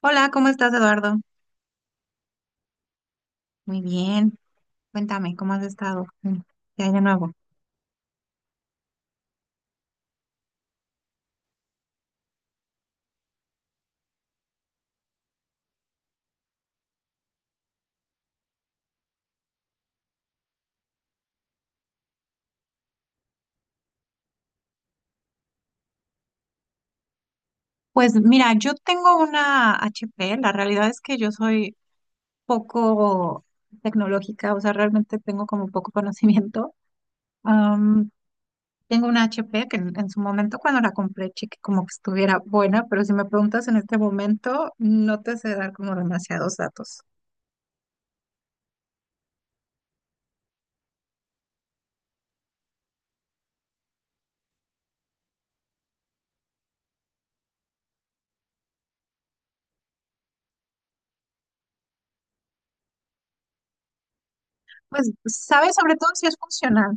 Hola, ¿cómo estás, Eduardo? Muy bien. Cuéntame, ¿cómo has estado? ¿Qué hay de nuevo? Pues mira, yo tengo una HP. La realidad es que yo soy poco tecnológica, o sea, realmente tengo como poco conocimiento. Am, tengo una HP que en su momento cuando la compré, chequé como que estuviera buena, pero si me preguntas en este momento, no te sé dar como demasiados datos. Pues, ¿sabes? Sobre todo si es funcional.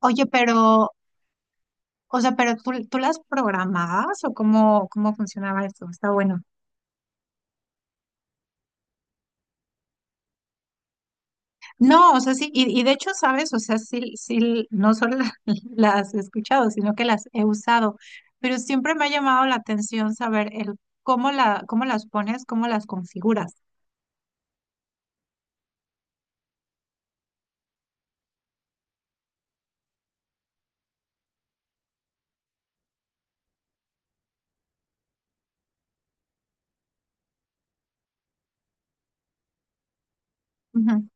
Oye, pero o sea, pero tú las programabas o cómo, ¿cómo funcionaba esto? Está bueno. No, o sea, sí, y de hecho, sabes, o sea, sí, sí, no solo la- las he escuchado, sino que las he usado, pero siempre me ha llamado la atención saber el cómo la, cómo las pones, cómo las configuras. Ujú.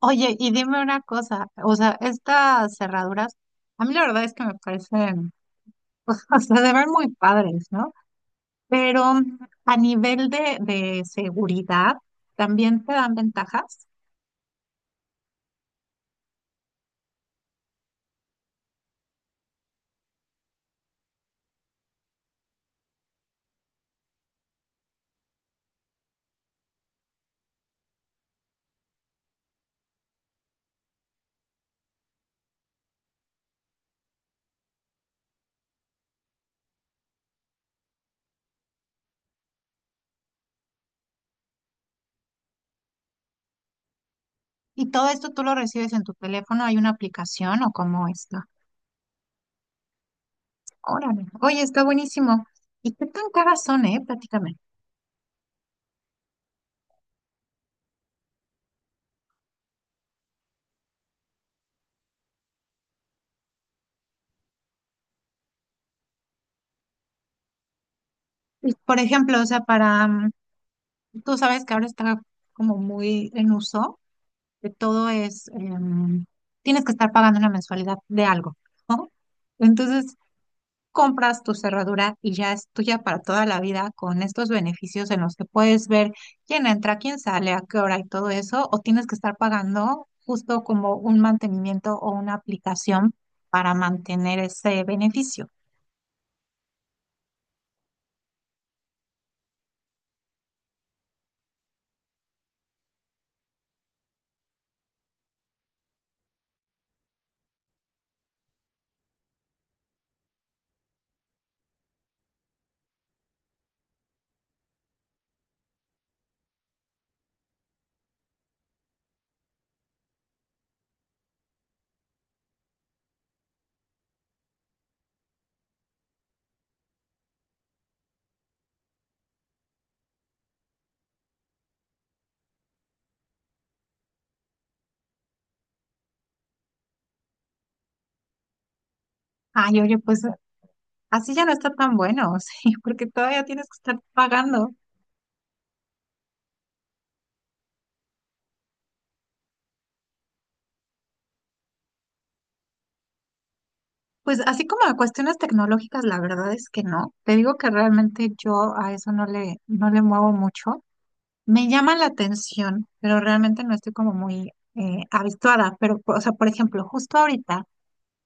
Oye, y dime una cosa, o sea, estas cerraduras, a mí la verdad es que me parecen, o sea, se ven muy padres, ¿no? Pero a nivel de seguridad, ¿también te dan ventajas? ¿Y todo esto tú lo recibes en tu teléfono? ¿Hay una aplicación o cómo está? Órale. Oye, está buenísimo. ¿Y qué tan caras son, eh? Prácticamente. Por ejemplo, o sea, para, tú sabes que ahora está como muy en uso, que todo es, tienes que estar pagando una mensualidad de algo, ¿no? Entonces, compras tu cerradura y ya es tuya para toda la vida con estos beneficios en los que puedes ver quién entra, quién sale, a qué hora y todo eso, o tienes que estar pagando justo como un mantenimiento o una aplicación para mantener ese beneficio. Ay, oye, pues así ya no está tan bueno, sí, porque todavía tienes que estar pagando. Pues así como a cuestiones tecnológicas, la verdad es que no. Te digo que realmente yo a eso no le muevo mucho. Me llama la atención, pero realmente no estoy como muy habituada. Pero, o sea, por ejemplo, justo ahorita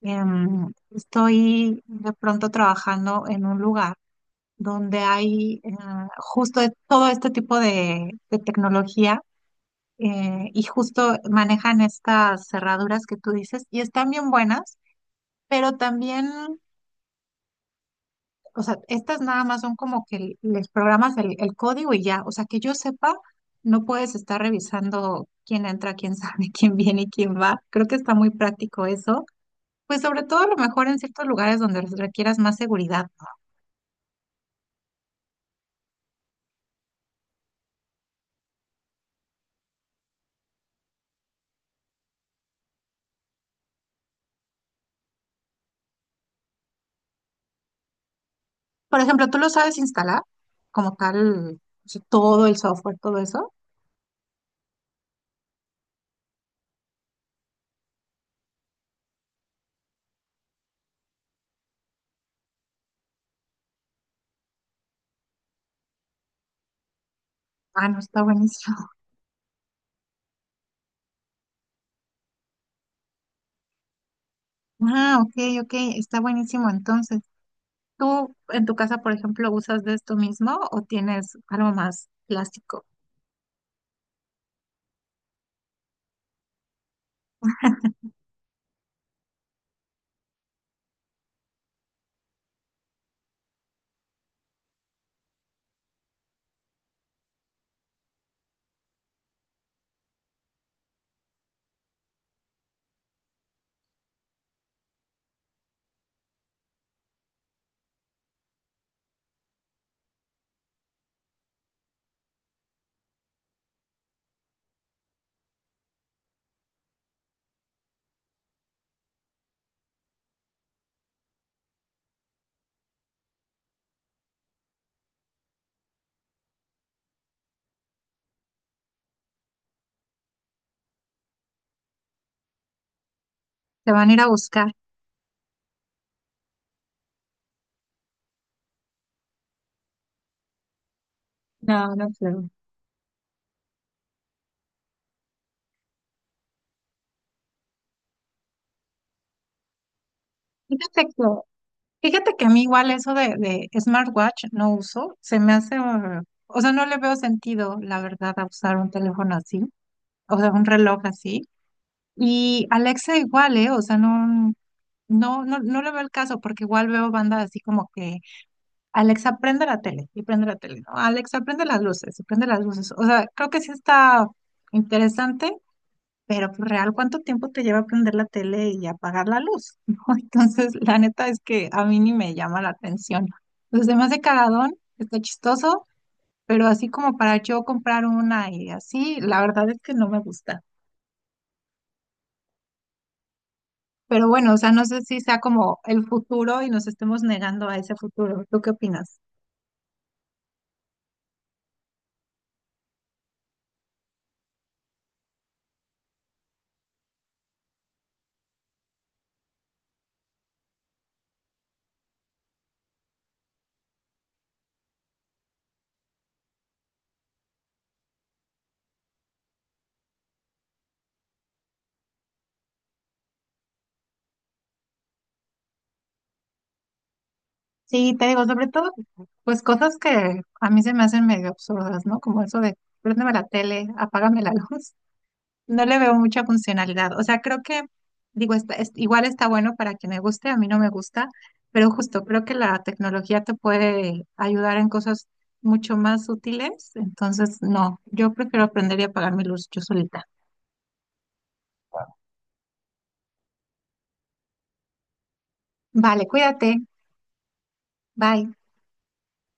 estoy de pronto trabajando en un lugar donde hay justo de todo este tipo de tecnología y justo manejan estas cerraduras que tú dices y están bien buenas, pero también o sea, estas nada más son como que les programas el código y ya. O sea, que yo sepa, no puedes estar revisando quién entra, quién sale, quién viene y quién va. Creo que está muy práctico eso. Pues sobre todo a lo mejor en ciertos lugares donde requieras más seguridad, ¿no? Por ejemplo, ¿tú lo sabes instalar como tal, o sea, todo el software, todo eso? Ah, no, está buenísimo. Ah, ok, ok, está buenísimo. Entonces, ¿tú en tu casa, por ejemplo, usas de esto mismo o tienes algo más plástico? Te van a ir a buscar. No, no creo. Fíjate que, fíjate que a mí igual eso de smartwatch no uso, se me hace, o sea, no le veo sentido, la verdad, a usar un teléfono así, o sea, un reloj así. Y Alexa igual, ¿eh? O sea, no, no, no le veo el caso porque igual veo bandas así como que Alexa prende la tele y prende la tele, ¿no? Alexa prende las luces y prende las luces. O sea, creo que sí está interesante. Pero pues, real, ¿cuánto tiempo te lleva prender la tele y apagar la luz? ¿No? Entonces, la neta es que a mí ni me llama la atención. Entonces, me hace cagadón, está chistoso, pero así como para yo comprar una y así, la verdad es que no me gusta. Pero bueno, o sea, no sé si sea como el futuro y nos estemos negando a ese futuro. ¿Tú qué opinas? Sí, te digo, sobre todo, pues cosas que a mí se me hacen medio absurdas, ¿no? Como eso de préndeme la tele, apágame la luz. No le veo mucha funcionalidad. O sea, creo que, digo, está, es- igual está bueno para quien le guste, a mí no me gusta, pero justo creo que la tecnología te puede ayudar en cosas mucho más útiles. Entonces, no, yo prefiero aprender y apagar mi luz yo solita. Vale, cuídate. Bye.